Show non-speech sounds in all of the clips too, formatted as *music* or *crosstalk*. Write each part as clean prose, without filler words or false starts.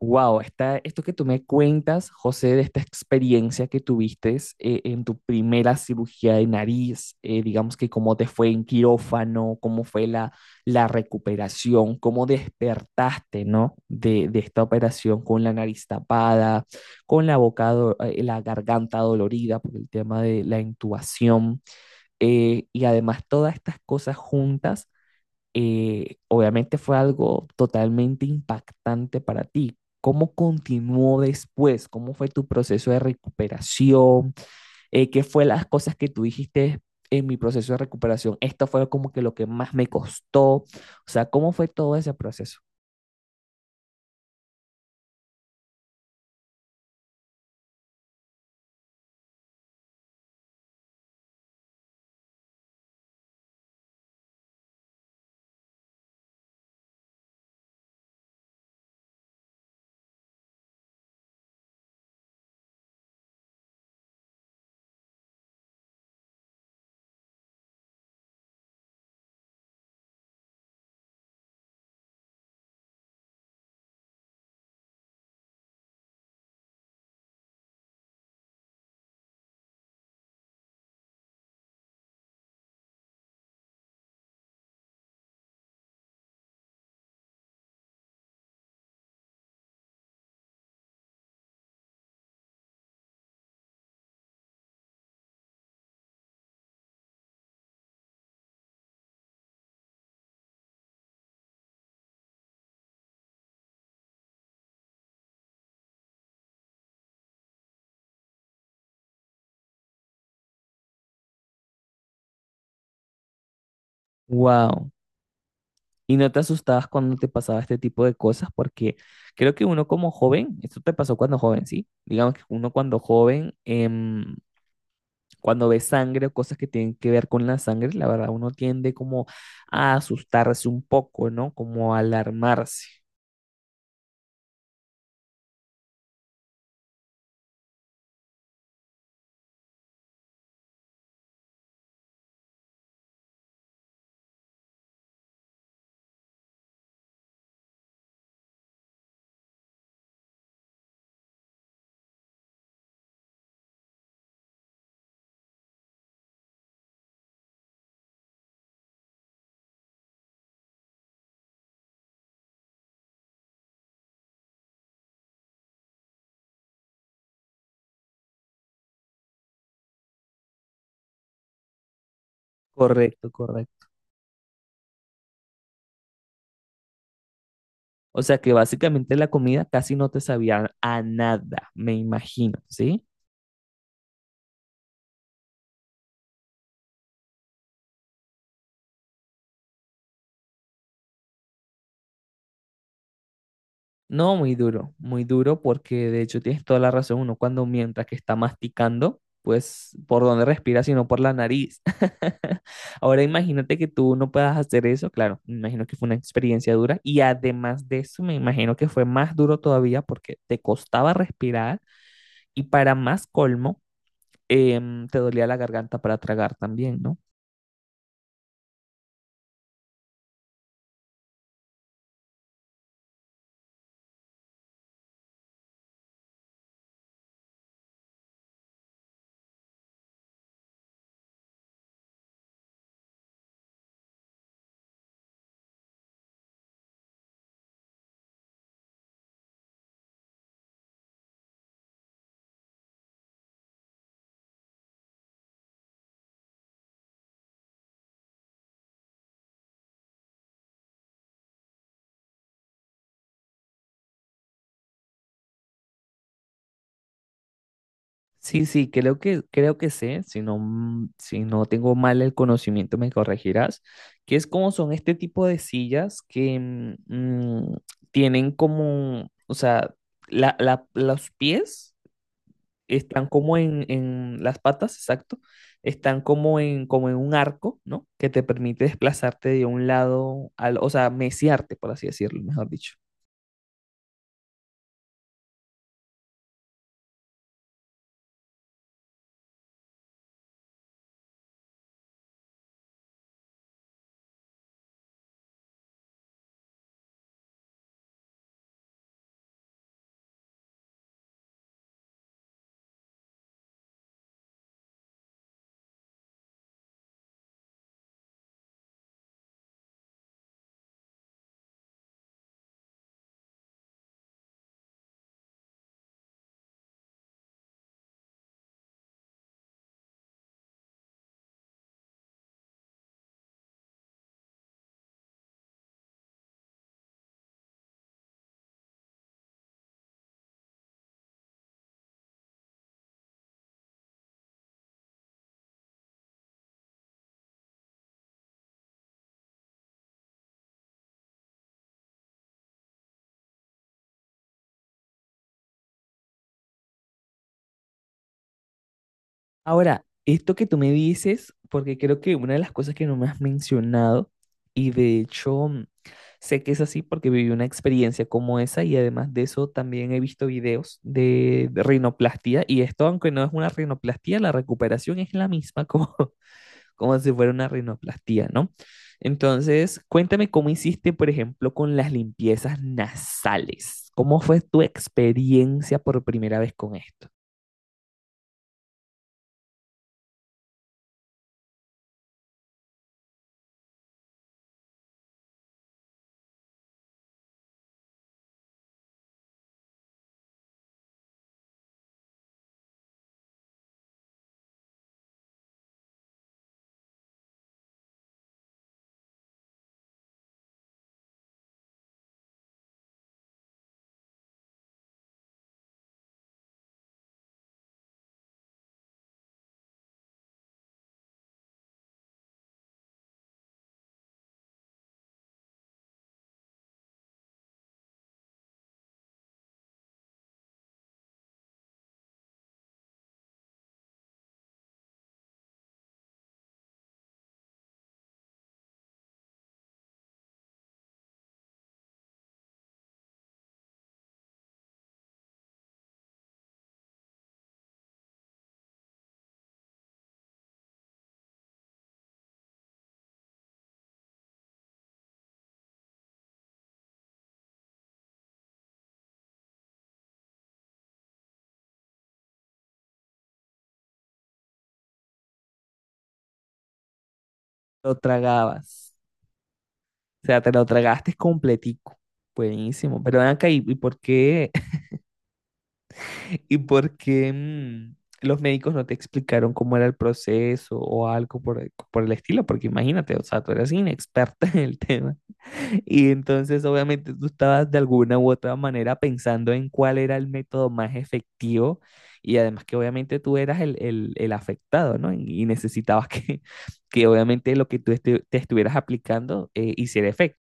Wow, está, esto que tú me cuentas, José, de esta experiencia que tuviste, en tu primera cirugía de nariz, digamos que cómo te fue en quirófano, cómo fue la recuperación, cómo despertaste, ¿no? De esta operación con la nariz tapada, con la boca, la garganta dolorida por el tema de la intubación, y además todas estas cosas juntas, obviamente fue algo totalmente impactante para ti. ¿Cómo continuó después? ¿Cómo fue tu proceso de recuperación? ¿Qué fue las cosas que tú dijiste en mi proceso de recuperación? Esto fue como que lo que más me costó. O sea, ¿cómo fue todo ese proceso? Wow. Y no te asustabas cuando te pasaba este tipo de cosas, porque creo que uno como joven, esto te pasó cuando joven, ¿sí? Digamos que uno cuando joven, cuando ve sangre o cosas que tienen que ver con la sangre, la verdad uno tiende como a asustarse un poco, ¿no? Como a alarmarse. Correcto, correcto. O sea que básicamente la comida casi no te sabía a nada, me imagino, ¿sí? No, muy duro porque de hecho tienes toda la razón, uno cuando mientras que está masticando, pues por dónde respira, sino por la nariz. *laughs* Ahora imagínate que tú no puedas hacer eso, claro, me imagino que fue una experiencia dura y además de eso me imagino que fue más duro todavía porque te costaba respirar y para más colmo, te dolía la garganta para tragar también, ¿no? Sí, sí, creo que sé, si no, si no tengo mal el conocimiento me corregirás, que es como son este tipo de sillas que tienen como, o sea, los pies están como en las patas, exacto, están como en, como en un arco, ¿no? Que te permite desplazarte de un lado al, o sea, meciarte, por así decirlo, mejor dicho. Ahora, esto que tú me dices, porque creo que una de las cosas que no me has mencionado, y de hecho sé que es así porque viví una experiencia como esa, y además de eso también he visto videos de rinoplastia, y esto, aunque no es una rinoplastia, la recuperación es la misma como, *laughs* como si fuera una rinoplastia, ¿no? Entonces, cuéntame cómo hiciste, por ejemplo, con las limpiezas nasales. ¿Cómo fue tu experiencia por primera vez con esto? ¿Lo tragabas? O sea, te lo tragaste completico. Buenísimo. Pero ven acá, y por qué, *laughs* y por qué los médicos no te explicaron cómo era el proceso o algo por, por el estilo? Porque imagínate, o sea, tú eras inexperta *laughs* en el tema. Y entonces, obviamente, tú estabas de alguna u otra manera pensando en cuál era el método más efectivo. Y además que obviamente tú eras el, el afectado, ¿no? Y necesitabas que, *laughs* que obviamente lo que tú te estuvieras aplicando, hiciera efecto.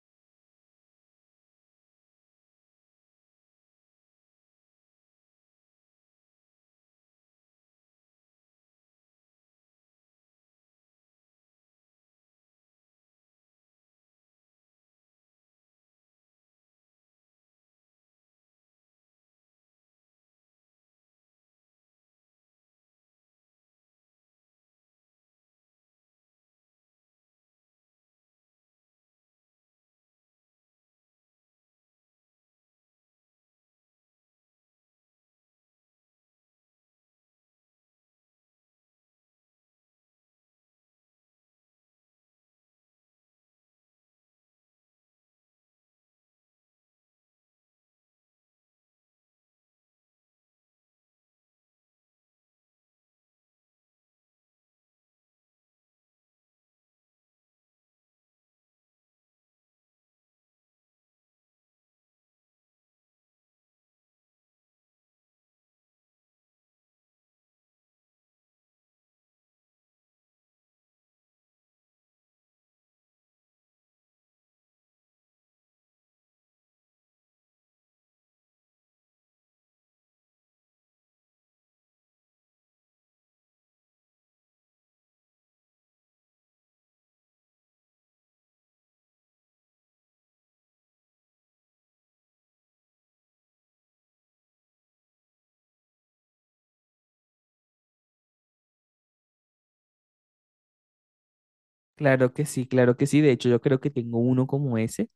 Claro que sí, claro que sí. De hecho, yo creo que tengo uno como ese.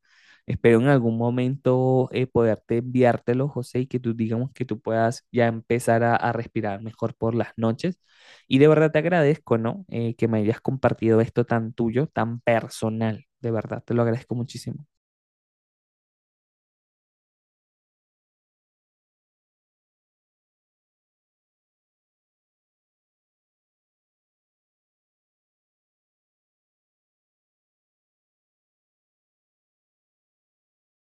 Espero en algún momento, poderte enviártelo, José, y que tú digamos que tú puedas ya empezar a respirar mejor por las noches. Y de verdad te agradezco, ¿no? Que me hayas compartido esto tan tuyo, tan personal. De verdad, te lo agradezco muchísimo.